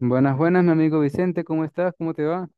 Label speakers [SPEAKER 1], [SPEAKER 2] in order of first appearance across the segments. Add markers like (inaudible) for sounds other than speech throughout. [SPEAKER 1] Buenas, buenas, mi amigo Vicente, ¿cómo estás? ¿Cómo te va?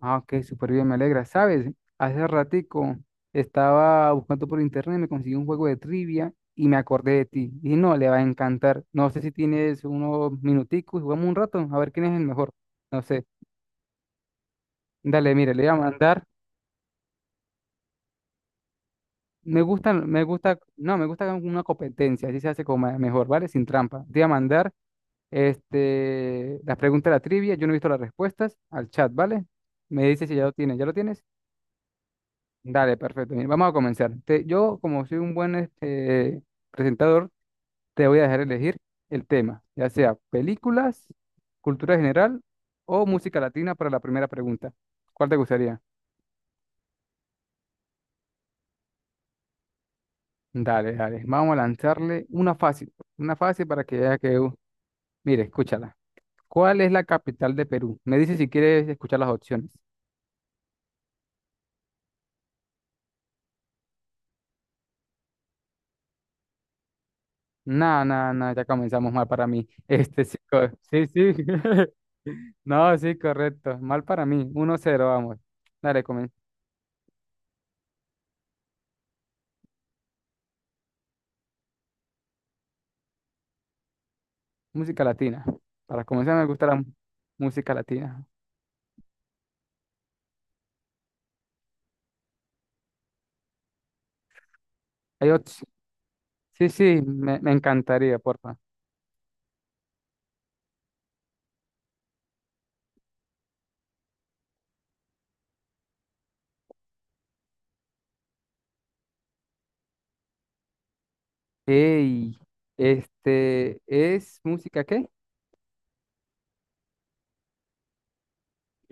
[SPEAKER 1] Ah, ok, súper bien, me alegra. ¿Sabes? Hace ratico estaba buscando por internet, me conseguí un juego de trivia y me acordé de ti. Y no, le va a encantar. No sé si tienes unos minuticos, jugamos un rato, a ver quién es el mejor. No sé. Dale, mire, le voy a mandar. Me gusta, no, me gusta una competencia, así se hace como mejor, ¿vale? Sin trampa. Te voy a mandar las preguntas de la trivia, yo no he visto las respuestas, al chat, ¿vale? Me dice si ya lo tienes, ¿ya lo tienes? Dale, perfecto. Mira, vamos a comenzar. Yo, como soy un buen presentador, te voy a dejar elegir el tema, ya sea películas, cultura general o música latina para la primera pregunta. ¿Cuál te gustaría? Dale, dale. Vamos a lanzarle una fácil para que veas que, mire, escúchala. ¿Cuál es la capital de Perú? Me dice si quieres escuchar las opciones. No, no, no, ya comenzamos mal para mí. Este sí, sí, sí. (laughs) No, sí, correcto. Mal para mí. 1-0, vamos. Dale, comen. Música latina. Para comenzar me gusta la música latina. Hay otros. Sí, sí, me encantaría, porfa. Ey, ¿es música qué?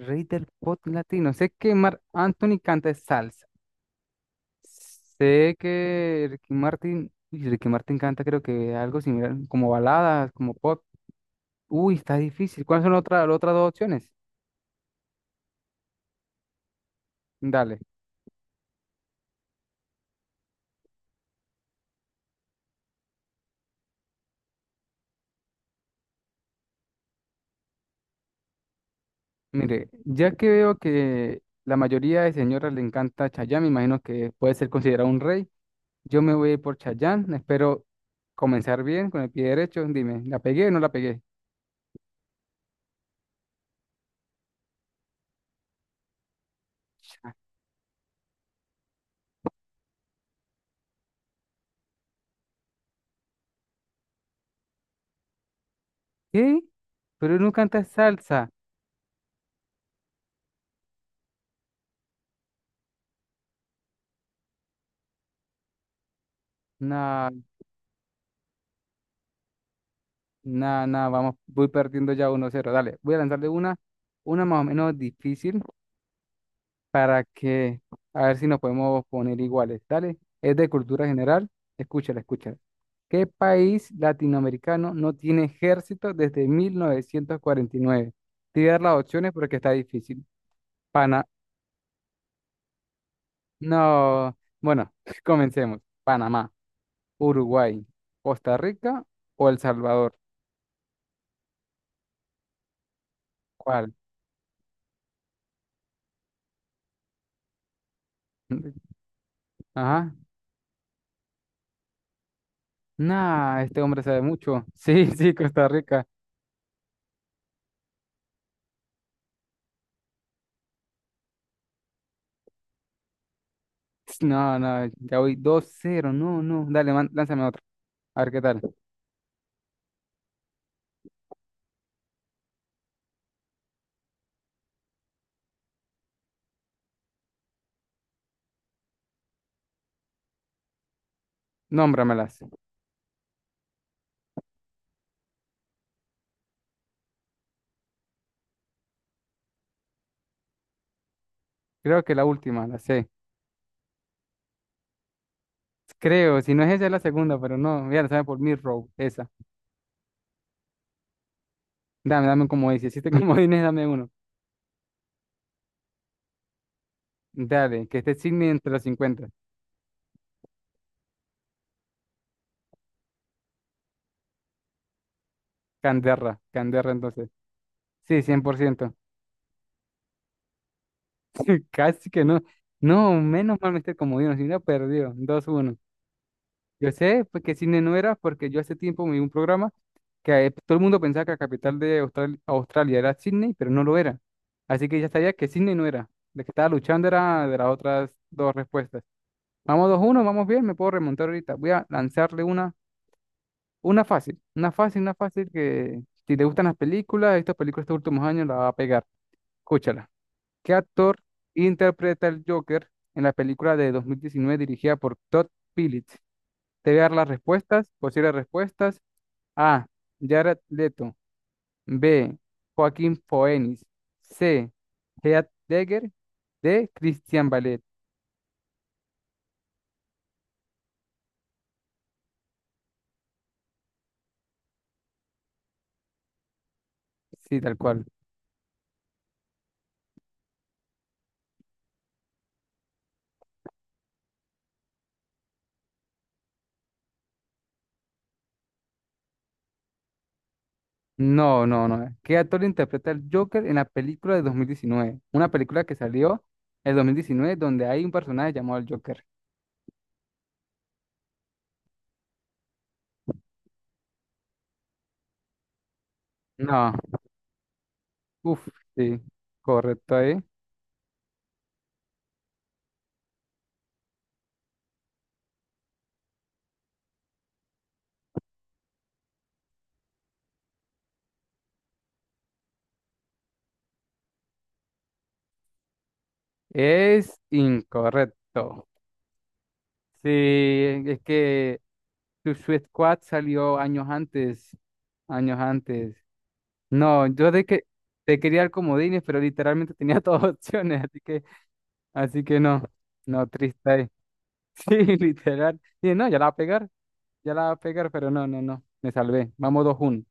[SPEAKER 1] Rey del pop latino. Sé que Marc Anthony canta salsa. Sé que Ricky Martin, uy, Ricky Martin canta creo que algo similar, como baladas, como pop. Uy, está difícil. ¿Cuáles son las otras dos opciones? Dale. Mire, ya que veo que la mayoría de señoras le encanta Chayanne, me imagino que puede ser considerado un rey. Yo me voy a ir por Chayanne. Espero comenzar bien con el pie derecho. Dime, ¿la pegué o no la pegué? Cha- ¿Qué? Pero no canta salsa. Nah, nah, nah, vamos, voy perdiendo ya 1-0. Dale, voy a lanzarle una más o menos difícil. Para que a ver si nos podemos poner iguales. Dale, es de cultura general. Escúchala, escúchala. ¿Qué país latinoamericano no tiene ejército desde 1949? Te voy a dar las opciones porque está difícil. Pana, no. Bueno, (laughs) comencemos. Panamá, Uruguay, Costa Rica o El Salvador. ¿Cuál? Ajá. Nah, este hombre sabe mucho. (laughs) Sí, sí, Costa Rica. No, no, ya voy 2-0. No, no. Dale, lánzame otro. A ver qué tal. Nómbramelas. Creo que la última, la sé. Creo, si no es esa, es la segunda, pero no. Mira, la sabe por Row, esa. Dame, dame como dice. Si te (laughs) comodines, dame uno. Dale, que esté Sidney entre los 50. Canderra, Canderra entonces. Sí, 100%. (laughs) Casi que no. No, menos mal me esté comodino, si no, perdió. 2-1. Yo sé pues, que Sydney no era porque yo hace tiempo me vi un programa que todo el mundo pensaba que la capital de Australia era Sydney, pero no lo era. Así que ya sabía que Sydney no era. La que estaba luchando era de las otras dos respuestas. Vamos 2-1, vamos bien, me puedo remontar ahorita. Voy a lanzarle una fácil, una fácil, una fácil que si te gustan las películas, estas películas estos últimos años la va a pegar. Escúchala. ¿Qué actor interpreta el Joker en la película de 2019 dirigida por Todd Phillips? Te voy a dar las respuestas, posibles respuestas. A. Jared Leto. B. Joaquín Phoenix. C. Heath Ledger. D. Christian Ballet. Sí, tal cual. No, no, no. ¿Qué actor interpreta el Joker en la película de 2019? Una película que salió en 2019, donde hay un personaje llamado el Joker. No. Uf, sí. Correcto, ahí. Es incorrecto. Sí, es que Suicide Squad salió años antes, años antes. No, yo de que te quería dar comodines, pero literalmente tenía todas (laughs) opciones, así que no, no, triste ahí. (laughs) Sí, literal. Y no, ya la va a pegar, ya la va a pegar, pero no, no, no, me salvé. Vamos 2-1.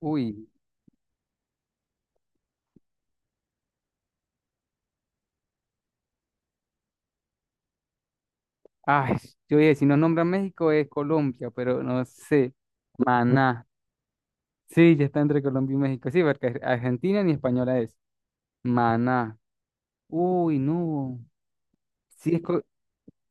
[SPEAKER 1] Uy, ay, yo dije, si no nombra México es Colombia, pero no sé. Maná. Sí, ya está entre Colombia y México. Sí, porque Argentina ni española es. Maná. Uy, no. Sí, es, co.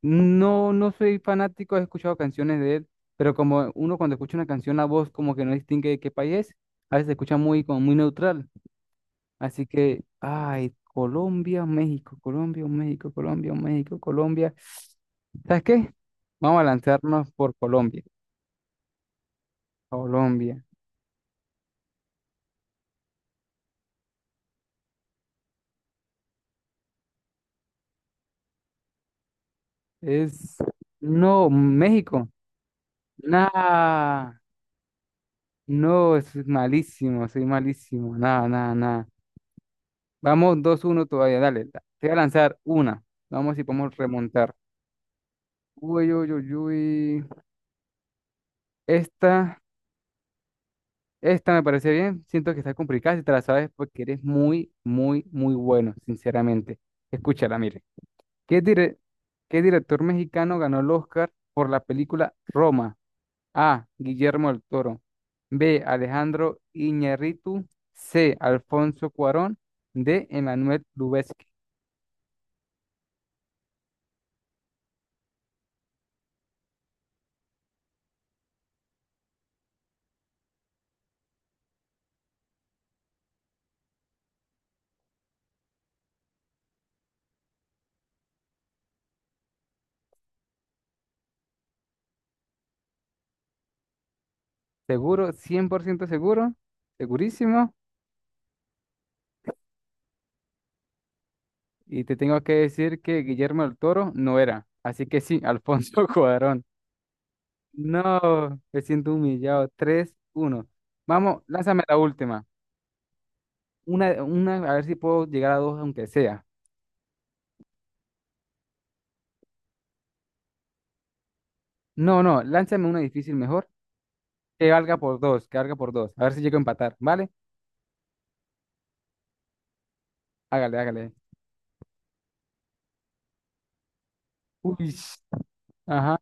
[SPEAKER 1] No, no soy fanático, he escuchado canciones de él, pero como uno cuando escucha una canción, la voz como que no distingue de qué país es, a veces se escucha muy, como muy neutral. Así que, ay, Colombia, México, Colombia, México, Colombia, México, Colombia. ¿Sabes qué? Vamos a lanzarnos por Colombia. Colombia. Es. No, México. Nah. No, es malísimo, soy malísimo. Nada, nada, nada. Vamos dos uno todavía, dale. Te voy a lanzar una. Vamos si podemos remontar. Uy, uy, uy, uy. Esta, esta me parece bien. Siento que está complicada si te la sabes porque eres muy, muy, muy bueno, sinceramente. Escúchala, mire. ¿Qué dire- qué director mexicano ganó el Oscar por la película Roma? A. Guillermo del Toro. B. Alejandro Iñárritu. C. Alfonso Cuarón. D. Emmanuel Lubezki. Seguro, 100% seguro, segurísimo. Y te tengo que decir que Guillermo del Toro no era. Así que sí, Alfonso (laughs) Cuarón. No, me siento humillado. 3-1. Vamos, lánzame la última. Una, a ver si puedo llegar a dos, aunque sea. No, no, lánzame una difícil mejor. Que valga por dos, que valga por dos. A ver si llego a empatar, ¿vale? Hágale, hágale. Uy, ajá.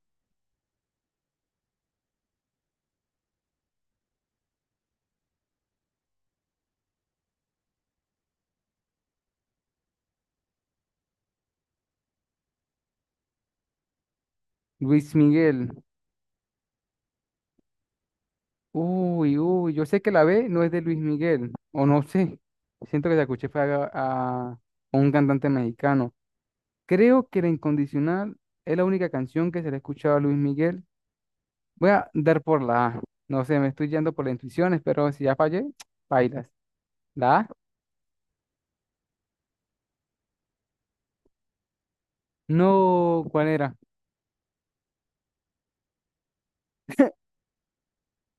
[SPEAKER 1] Luis Miguel. Uy, uy, yo sé que la B no es de Luis Miguel, o no sé. Siento que la escuché fue a un cantante mexicano. Creo que La Incondicional es la única canción que se le ha escuchado a Luis Miguel. Voy a dar por la A. No sé, me estoy yendo por las intuiciones, pero si ya fallé, bailas. ¿La A? No, ¿cuál era?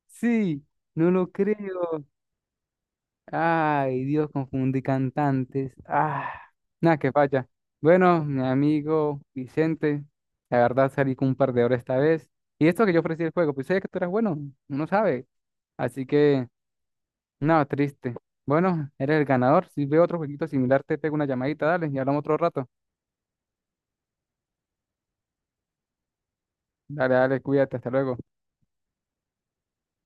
[SPEAKER 1] Sí, no lo creo. Ay, Dios, confundí cantantes. Ah, nada, que falla. Bueno, mi amigo Vicente, la verdad salí con un perdedor esta vez. Y esto que yo ofrecí el juego, pues sabía que tú eras bueno, uno sabe. Así que, nada, triste. Bueno, eres el ganador. Si veo otro jueguito similar, te pego una llamadita, dale, y hablamos otro rato. Dale, dale, cuídate, hasta luego.